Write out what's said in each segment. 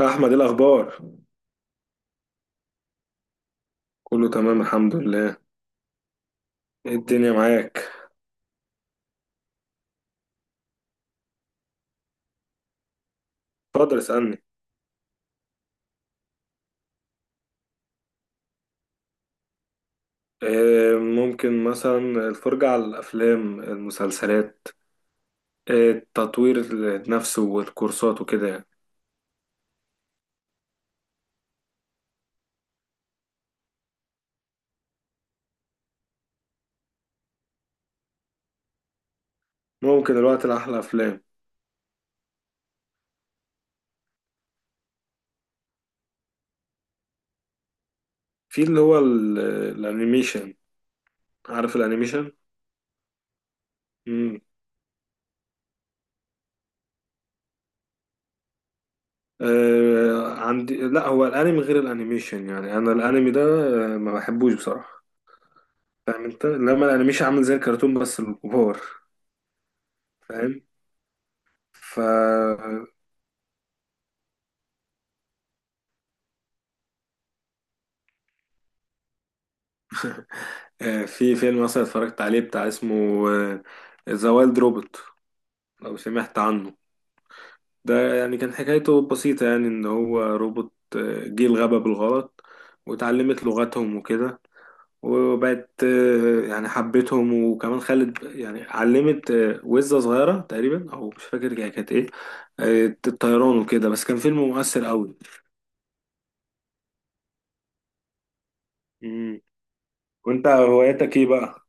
أحمد إيه الأخبار؟ كله تمام الحمد لله. إيه الدنيا معاك؟ اتفضل اسألني. إيه ممكن مثلا؟ الفرجة على الأفلام المسلسلات. إيه التطوير نفسه والكورسات وكده يعني. ممكن الوقت الأحلى أفلام. في اللي هو الأنيميشن. عارف الأنيميشن؟ مم. إيه عندي، لا، هو الأنمي غير الأنيميشن، يعني أنا الأنمي ده ما بحبوش بصراحة. فاهم أنت؟ لما الأنيميشن عامل زي الكرتون بس الكبار. فاهم؟ في فيلم مثلا اتفرجت عليه بتاع اسمه آه، ذا وايلد روبوت، لو سمعت عنه. ده يعني كان حكايته بسيطة، يعني ان هو روبوت جه الغابة بالغلط واتعلمت لغتهم وكده. وبقت يعني حبتهم، وكمان خلت، يعني علمت وزة صغيرة تقريبا، او مش فاكر هي كانت ايه، الطيران وكده. بس كان فيلم مؤثر قوي. مم. وانت هواياتك ايه بقى؟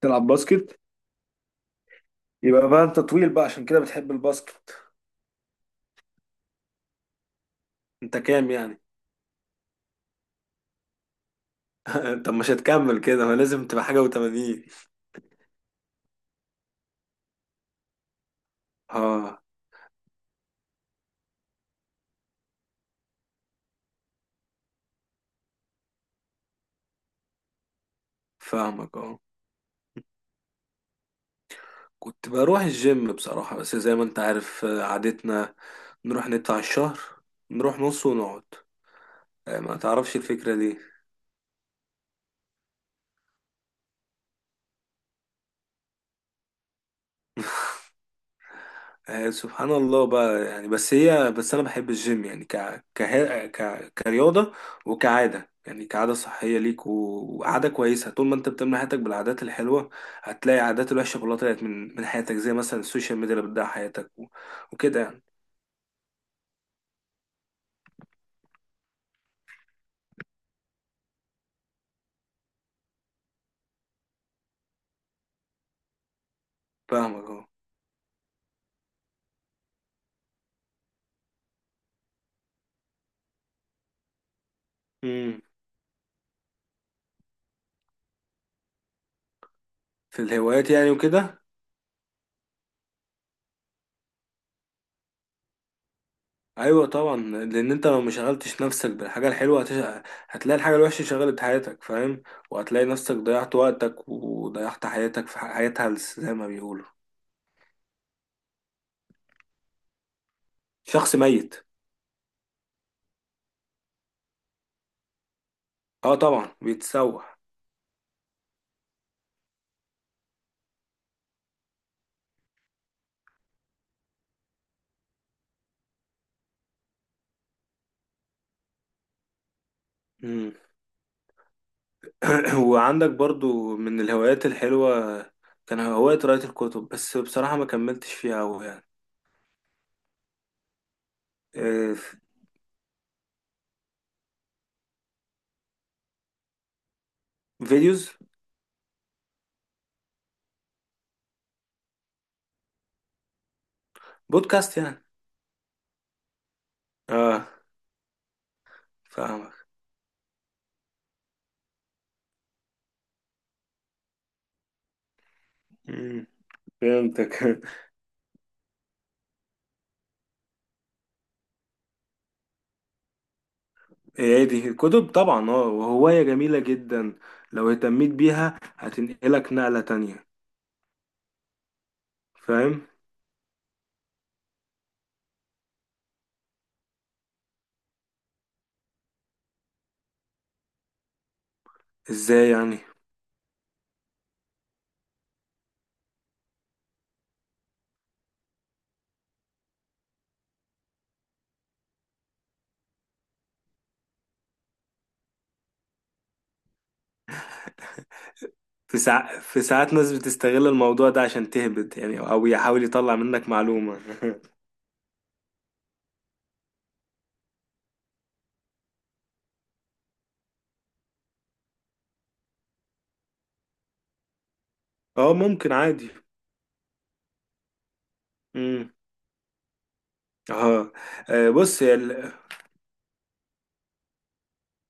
تلعب باسكت. يبقى بقى انت طويل بقى عشان كده بتحب الباسكت. انت كام يعني؟ طب مش هتكمل كده، ما لازم تبقى حاجة وتمانين. اه، فاهمك اه. كنت بروح الجيم بصراحة، بس زي ما انت عارف عادتنا نروح ندفع الشهر، نروح نص ونقعد. ما تعرفش الفكرة دي. سبحان الله بقى. يعني بس، هي بس انا بحب الجيم يعني ك كه- ك كرياضة، وكعادة، يعني كعادة صحية ليك، وعادة كويسة. طول ما انت بتملى حياتك بالعادات الحلوة هتلاقي عادات الوحشة كلها طلعت من حياتك، زي مثلا السوشيال ميديا اللي بتضيع حياتك وكده يعني. فاهمك اه. امم. في الهوايات يعني وكده. ايوه طبعا. لان انت لو ما شغلتش نفسك بالحاجه الحلوه هتلاقي الحاجه الوحشه شغلت حياتك. فاهم؟ وهتلاقي نفسك ضيعت وقتك وضيعت حياتك في حياة هلس زي ما بيقولوا. شخص ميت. اه طبعا بيتسوح. امم. وعندك برضو من الهوايات الحلوه كان هوايه قراءه الكتب، بس بصراحه ما كملتش فيها أوي يعني. آه، ف- فيديوز. بودكاست يعني. اه، فاهمك. امم. فهمتك إيه، هي دي الكتب طبعا، اه، وهواية جميلة جدا. لو اهتميت بيها هتنقلك نقلة تانية. فاهم. ازاي يعني؟ في ساعات ناس بتستغل الموضوع ده عشان تهبط يعني، او يحاول يطلع منك معلومة. اه ممكن عادي. امم. اه. آه، بص يا ال...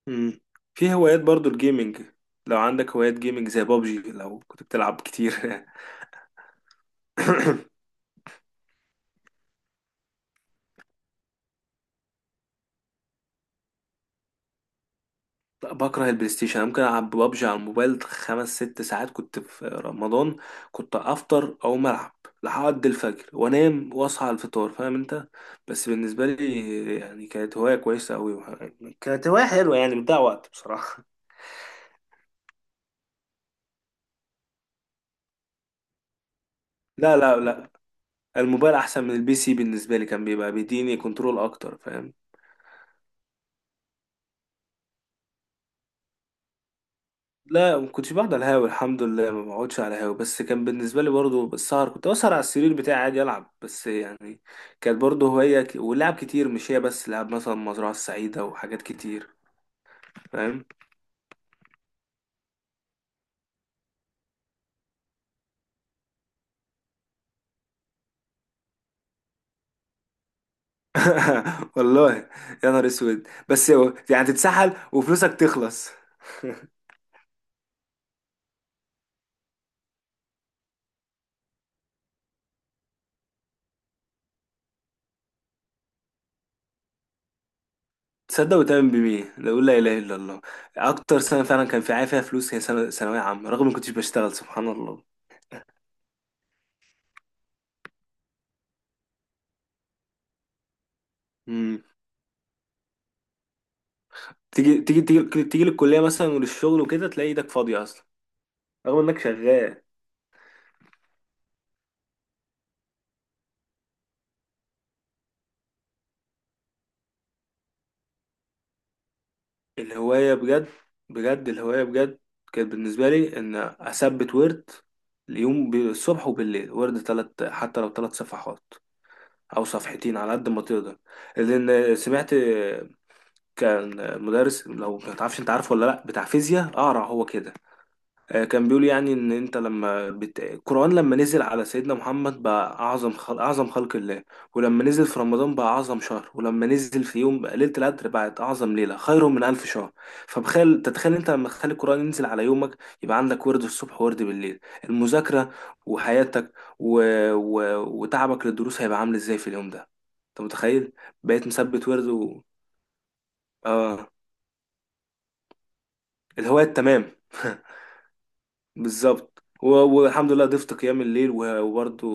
مم. في هوايات برضو الجيمنج، لو عندك هوايات جيمنج زي بابجي، لو كنت بتلعب كتير. بكره البلاي ستيشن. انا ممكن العب ببجي على الموبايل خمس ست ساعات. كنت في رمضان كنت افطر او العب لحد الفجر وانام واصحى على الفطار. فاهم انت؟ بس بالنسبه لي يعني كانت هوايه كويسه قوي، كانت هوايه حلوه يعني، بتضيع وقت بصراحه. لا، لا، لا. الموبايل احسن من البي سي بالنسبه لي، كان بيبقى بيديني كنترول اكتر. فاهم؟ لا ما كنتش بقعد على الهاوي الحمد لله، ما بقعدش على الهاوي. بس كان بالنسبه لي برضو السهر، كنت اسهر على السرير بتاعي عادي العب بس يعني. كانت برضو هوايه ولعب كتير، مش هي بس، لعب مثلا مزرعه السعيده وحاجات كتير. فاهم. والله. يا نهار اسود، بس يعني تتسحل وفلوسك تخلص. تصدق وتؤمن بمين؟ لا، اقول لا اله الا الله. اكتر سنه فعلا كان في عافيه فلوس، هي سنه ثانويه عامه، رغم ما كنتش بشتغل. سبحان الله. امم. تيجي للكليه مثلا وللشغل وكده تلاقي ايدك فاضيه اصلا، رغم انك شغال. الهواية بجد. بجد الهواية بجد. كانت بالنسبة لي ان اثبت ورد اليوم، الصبح وبالليل، ورد تلات، حتى لو 3 صفحات او صفحتين على قد ما تقدر. لان سمعت كان مدرس، لو ما تعرفش، انت عارفه ولا لا، بتاع فيزياء اقرع، هو كده. كان بيقول يعني ان انت لما القرآن لما نزل على سيدنا محمد بقى اعظم اعظم خلق الله، ولما نزل في رمضان بقى اعظم شهر، ولما نزل في يوم بقى ليلة القدر بقت اعظم ليلة، خير من 1000 شهر. فبخيل تتخيل انت لما تخلي القرآن ينزل على يومك، يبقى عندك ورد الصبح وورد بالليل، المذاكرة وحياتك و... و... وتعبك للدروس هيبقى عامل ازاي في اليوم ده؟ انت متخيل؟ بقيت مثبت ورد اه. الهواية تمام بالظبط، والحمد لله ضفت قيام الليل وبرضه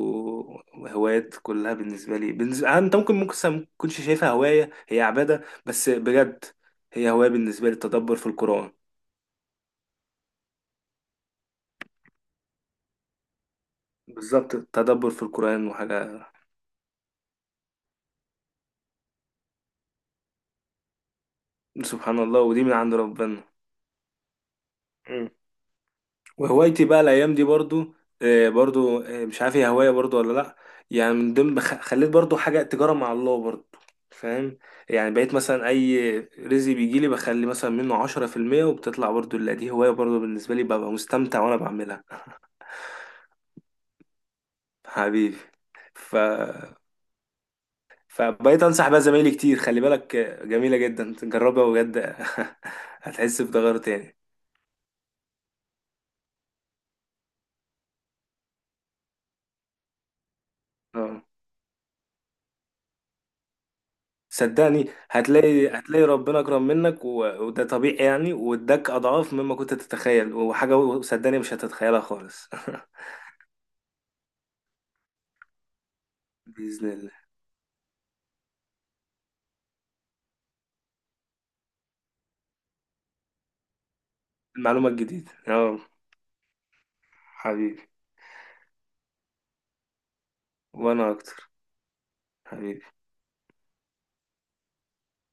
هوايات كلها بالنسبه لي. بالنسبة... آه، انت ممكن ما تكونش شايفها هوايه، هي عباده بس بجد. هي هوايه بالنسبه لي التدبر في القران. بالظبط التدبر في القران وحاجه. سبحان الله، ودي من عند ربنا. وهوايتي بقى الايام دي برضو، برضو مش عارف هي هوايه برضو ولا لا. يعني من ضمن خليت برضو حاجه تجاره مع الله برضو. فاهم. يعني بقيت مثلا اي رزق بيجي لي بخلي مثلا منه 10% وبتطلع برضو، لا دي هوايه برضو بالنسبه لي، ببقى مستمتع وانا بعملها. حبيبي. ف فبقيت انصح بقى زمايلي كتير، خلي بالك جميله جدا، جربها بجد. هتحس بتغير تاني. آه. صدقني هتلاقي ربنا أكرم منك وده طبيعي يعني، واداك أضعاف مما كنت تتخيل، وحاجة صدقني مش هتتخيلها خالص. بإذن الله. المعلومة الجديدة اه. حبيبي. وأنا أكتر. حبيبي.